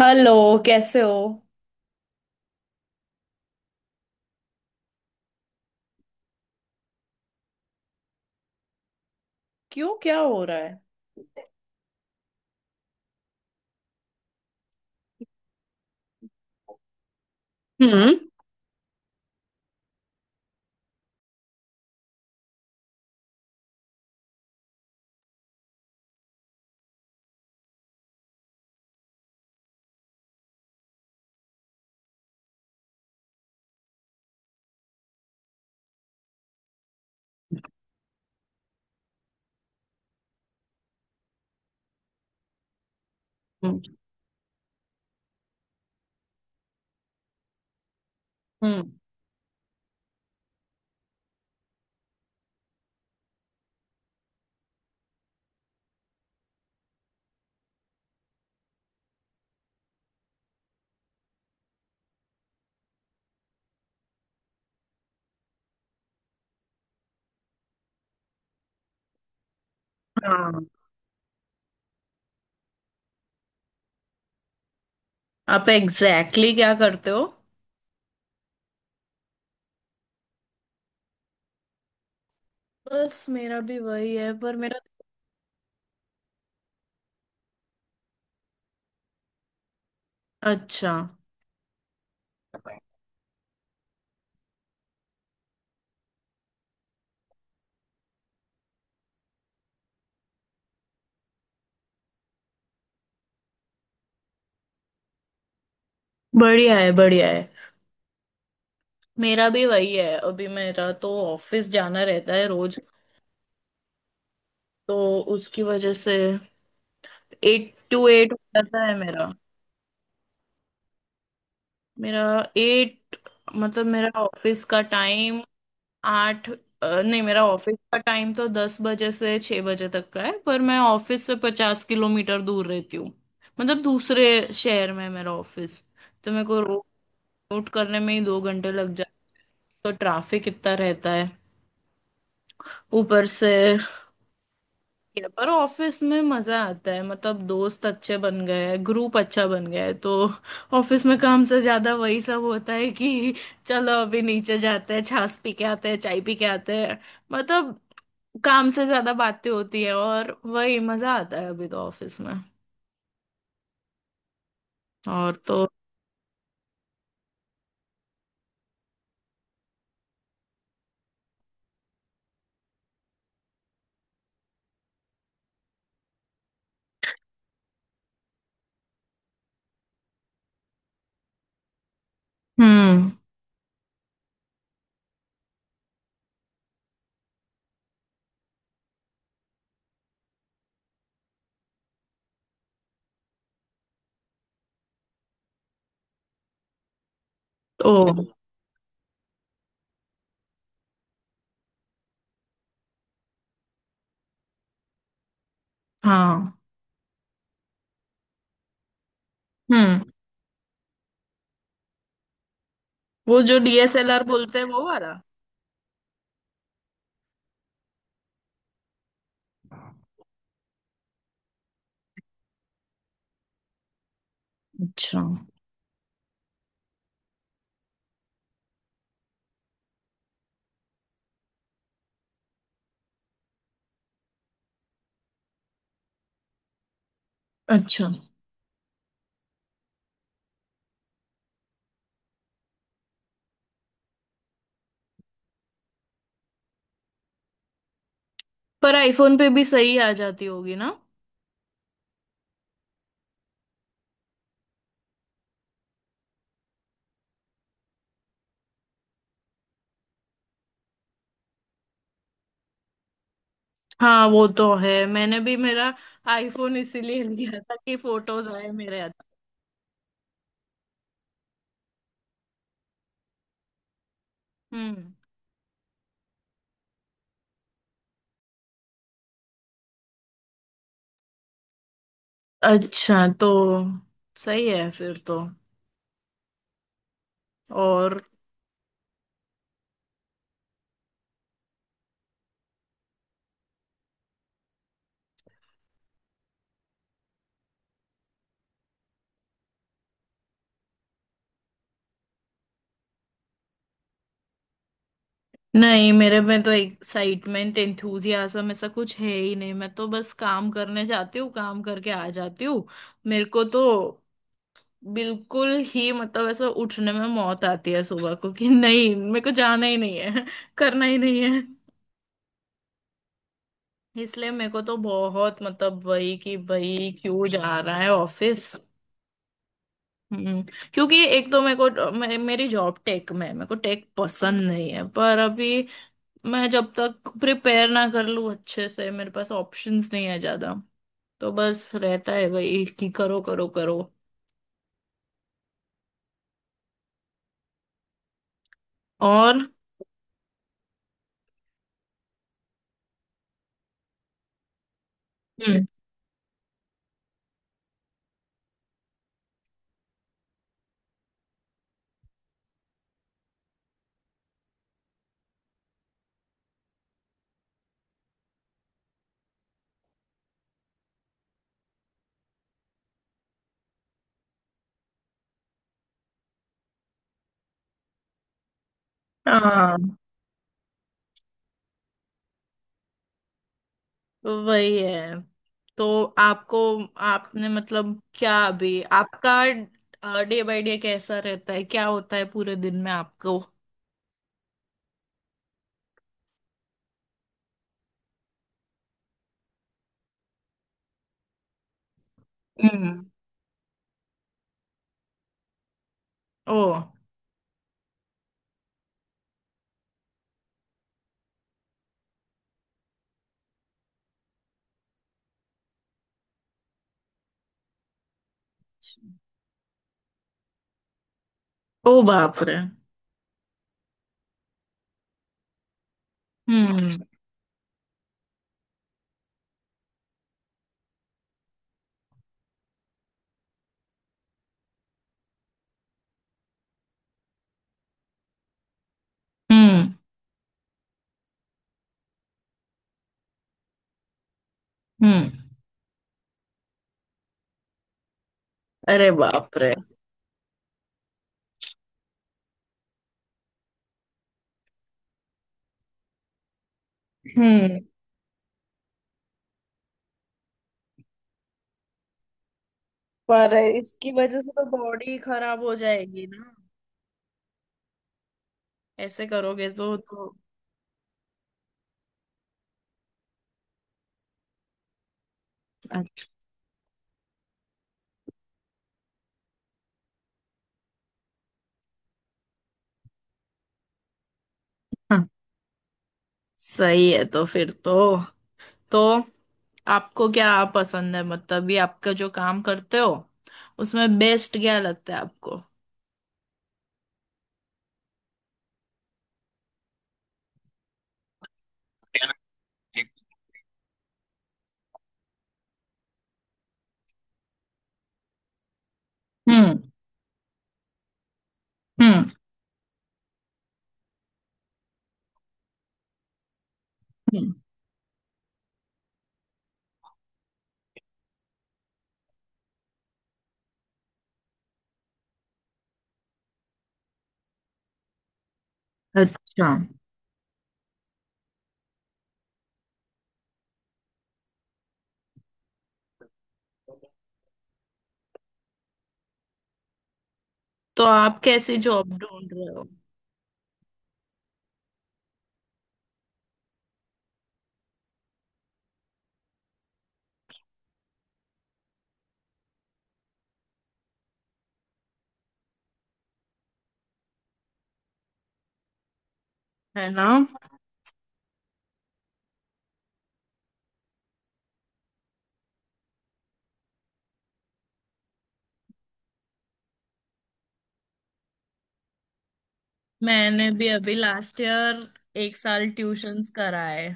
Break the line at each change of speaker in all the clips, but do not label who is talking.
Hello. कैसे हो? क्यों, क्या हो रहा है? हम्म। हम्म। हम्म, हाँ। आप एग्जैक्टली exactly क्या करते हो? बस, मेरा भी वही है पर मेरा। अच्छा। बढ़िया है, बढ़िया है। मेरा भी वही है, अभी मेरा तो ऑफिस जाना रहता है रोज। तो उसकी वजह से 8 to 8 हो जाता है मेरा। मेरा एट, मतलब मेरा ऑफिस का टाइम 8 नहीं, मेरा ऑफिस का टाइम तो 10 बजे से 6 बजे तक का है पर मैं ऑफिस से 50 किलोमीटर दूर रहती हूँ। मतलब दूसरे शहर में है मेरा ऑफिस। तो मेरे को रोड रोड करने में ही 2 घंटे लग जाते हैं। तो ट्रैफिक इतना रहता है ऊपर से। या पर ऑफिस में मजा आता है, मतलब दोस्त अच्छे बन गए हैं, ग्रुप अच्छा बन गया है। तो ऑफिस में काम से ज्यादा वही सब होता है कि चलो अभी नीचे जाते हैं, छाछ पी के आते हैं, चाय पी के आते हैं। मतलब काम से ज्यादा बातें होती है और वही मजा आता है अभी तो ऑफिस में। और तो। हम्म। ओ। हाँ। हम्म। वो जो डीएसएलआर बोलते हैं वो वाला। अच्छा। अच्छा, पर आईफोन पे भी सही आ जाती होगी ना? हाँ वो तो है, मैंने भी मेरा आईफोन इसीलिए लिया था कि फोटोज आए मेरे हाथ। हम्म। अच्छा, तो सही है फिर तो। और। नहीं, मेरे में तो एक्साइटमेंट एंथुजियाज्म ऐसा कुछ है ही नहीं। मैं तो बस काम करने जाती हूँ, काम करके आ जाती हूँ। मेरे को तो बिल्कुल ही, मतलब ऐसा उठने में मौत आती है सुबह को कि नहीं मेरे को जाना ही नहीं है करना ही नहीं है। इसलिए मेरे को तो बहुत, मतलब वही कि भाई क्यों जा रहा है ऑफिस। हम्म। क्योंकि एक तो मेरे को मेरी जॉब टेक में है, मेरे को टेक पसंद नहीं है पर अभी मैं जब तक प्रिपेयर ना कर लूँ अच्छे से मेरे पास ऑप्शंस नहीं है ज्यादा। तो बस रहता है वही कि करो करो करो। और। हम्म। हाँ। वही है। तो आपको, आपने, मतलब क्या अभी आपका डे बाय डे कैसा रहता है, क्या होता है पूरे दिन में आपको? हम्म। ओ। ओ बाप रे। हम्म। हम्म। हम्म। अरे बाप रे। हम्म। पर इसकी वजह से तो बॉडी खराब हो जाएगी ना, ऐसे करोगे तो तो। अच्छा। सही है तो फिर तो। तो आपको क्या पसंद है, मतलब ये आपका जो काम करते हो उसमें बेस्ट क्या लगता है आपको? हम्म। हम्म। हम्म। अच्छा, तो आप कैसी जॉब ढूंढ रहे हो? है ना। मैंने भी अभी लास्ट ईयर एक साल ट्यूशंस करा है।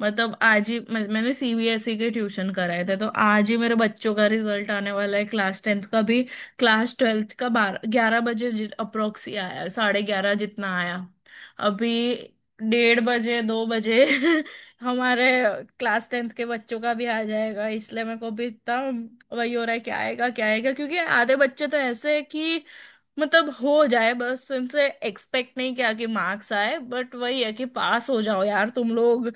मतलब आज ही मैंने सीबीएसई के ट्यूशन कराए थे, तो आज ही मेरे बच्चों का रिजल्ट आने वाला है, क्लास टेंथ का भी। क्लास ट्वेल्थ का 12 11 बजे अप्रोक्स ही आया, 11:30 जितना आया। अभी 1:30 बजे 2 बजे हमारे क्लास टेंथ के बच्चों का भी आ जाएगा, इसलिए मेरे को भी इतना वही हो रहा है क्या आएगा क्या आएगा, क्योंकि आधे बच्चे तो ऐसे है कि मतलब हो जाए बस, उनसे एक्सपेक्ट नहीं किया कि मार्क्स आए बट वही है कि पास हो जाओ यार तुम लोग।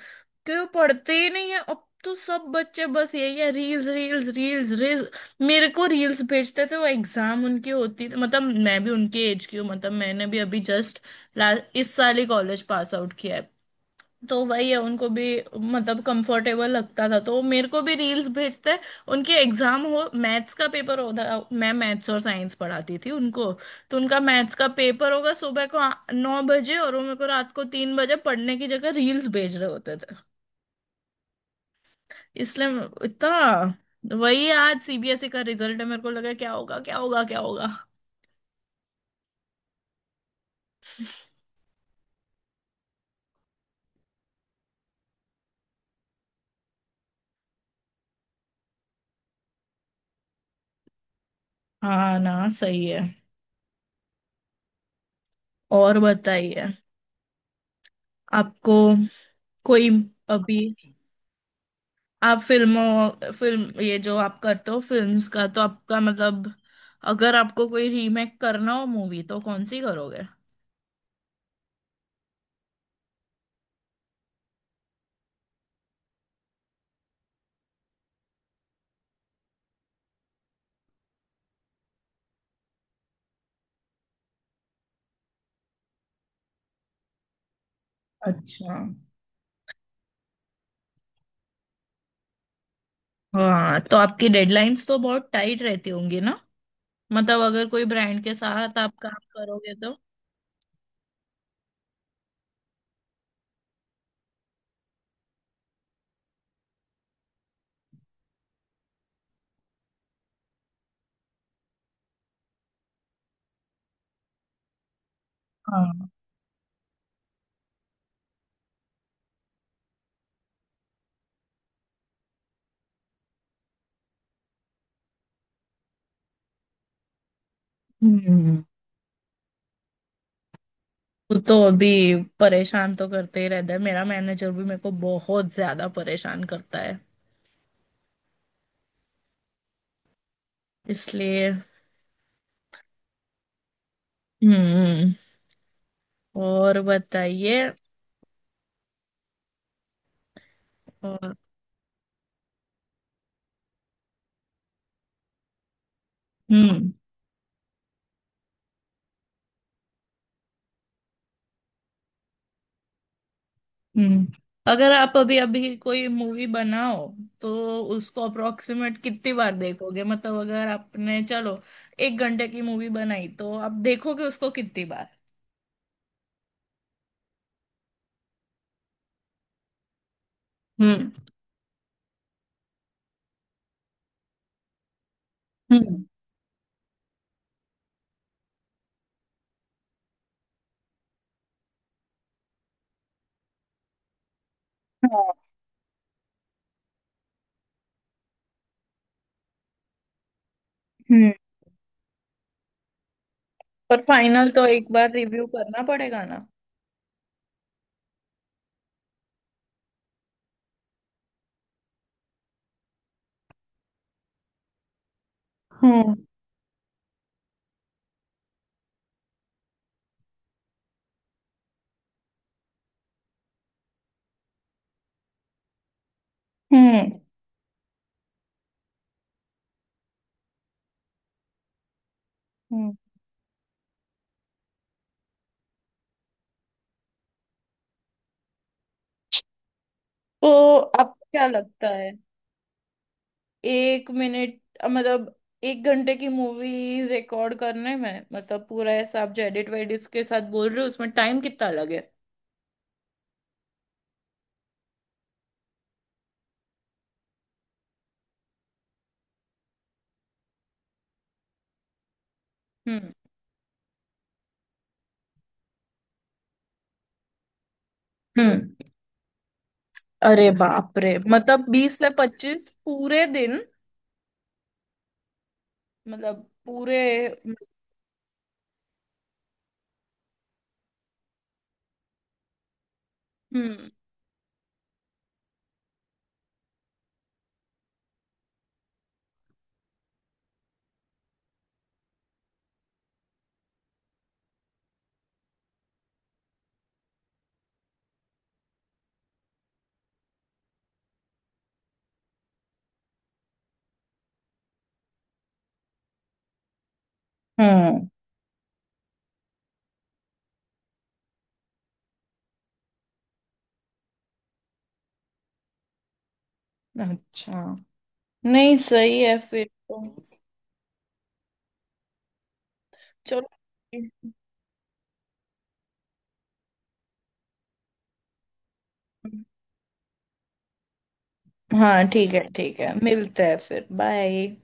कि वो पढ़ते ही नहीं है, अब तो सब बच्चे बस यही है रील्स रील्स रील्स रील्स। मेरे को रील्स भेजते थे वो, एग्जाम उनकी होती थी। मतलब मैं भी उनके एज की हूँ, मतलब मैंने भी अभी जस्ट इस साल ही कॉलेज पास आउट किया है। तो वही है, उनको भी मतलब कंफर्टेबल लगता था तो वो मेरे को भी रील्स भेजते। उनके एग्जाम हो, मैथ्स का पेपर होता, मैं मैथ्स और साइंस पढ़ाती थी उनको। तो उनका मैथ्स का पेपर होगा सुबह को 9 बजे, और वो मेरे को रात को 3 बजे पढ़ने की जगह रील्स भेज रहे होते। इसलिए इतना। वही आज सीबीएसई का रिजल्ट है, मेरे को लगा क्या होगा क्या होगा क्या होगा। हाँ ना, सही है। और बताइए, आपको कोई अभी, आप फिल्मों फिल्म ये जो आप करते हो फिल्म्स का, तो आपका मतलब अगर आपको कोई रीमेक करना हो मूवी तो कौन सी करोगे? अच्छा। हाँ, तो आपकी डेडलाइंस तो बहुत टाइट रहती होंगी ना, मतलब अगर कोई ब्रांड के साथ आप काम करोगे तो? हाँ। हम्म। वो तो अभी परेशान तो करते ही रहता है, मेरा मैनेजर भी मेरे को बहुत ज्यादा परेशान करता है इसलिए। हम्म। और बताइए। और। हम्म। हम्म। अगर आप अभी अभी कोई मूवी बनाओ तो उसको अप्रोक्सीमेट कितनी बार देखोगे, मतलब अगर आपने चलो एक घंटे की मूवी बनाई तो आप देखोगे उसको कितनी बार? हम्म। हम्म। हाँ, हम्म। पर फाइनल तो एक बार रिव्यू करना पड़ेगा ना? हम्म। हम्म। तो आपको क्या लगता है? एक मिनट। मतलब एक घंटे की मूवी रिकॉर्ड करने में, मतलब पूरा ऐसा आप जो एडिट वेडिट के साथ बोल रहे हो, उसमें टाइम कितना लगे? हम्म। हम्म। अरे बाप रे, मतलब 20 से 25 पूरे दिन। मतलब पूरे। हम्म। हम्म। अच्छा। नहीं सही है फिर तो। चलो। हाँ ठीक है ठीक है, मिलते हैं फिर, बाय।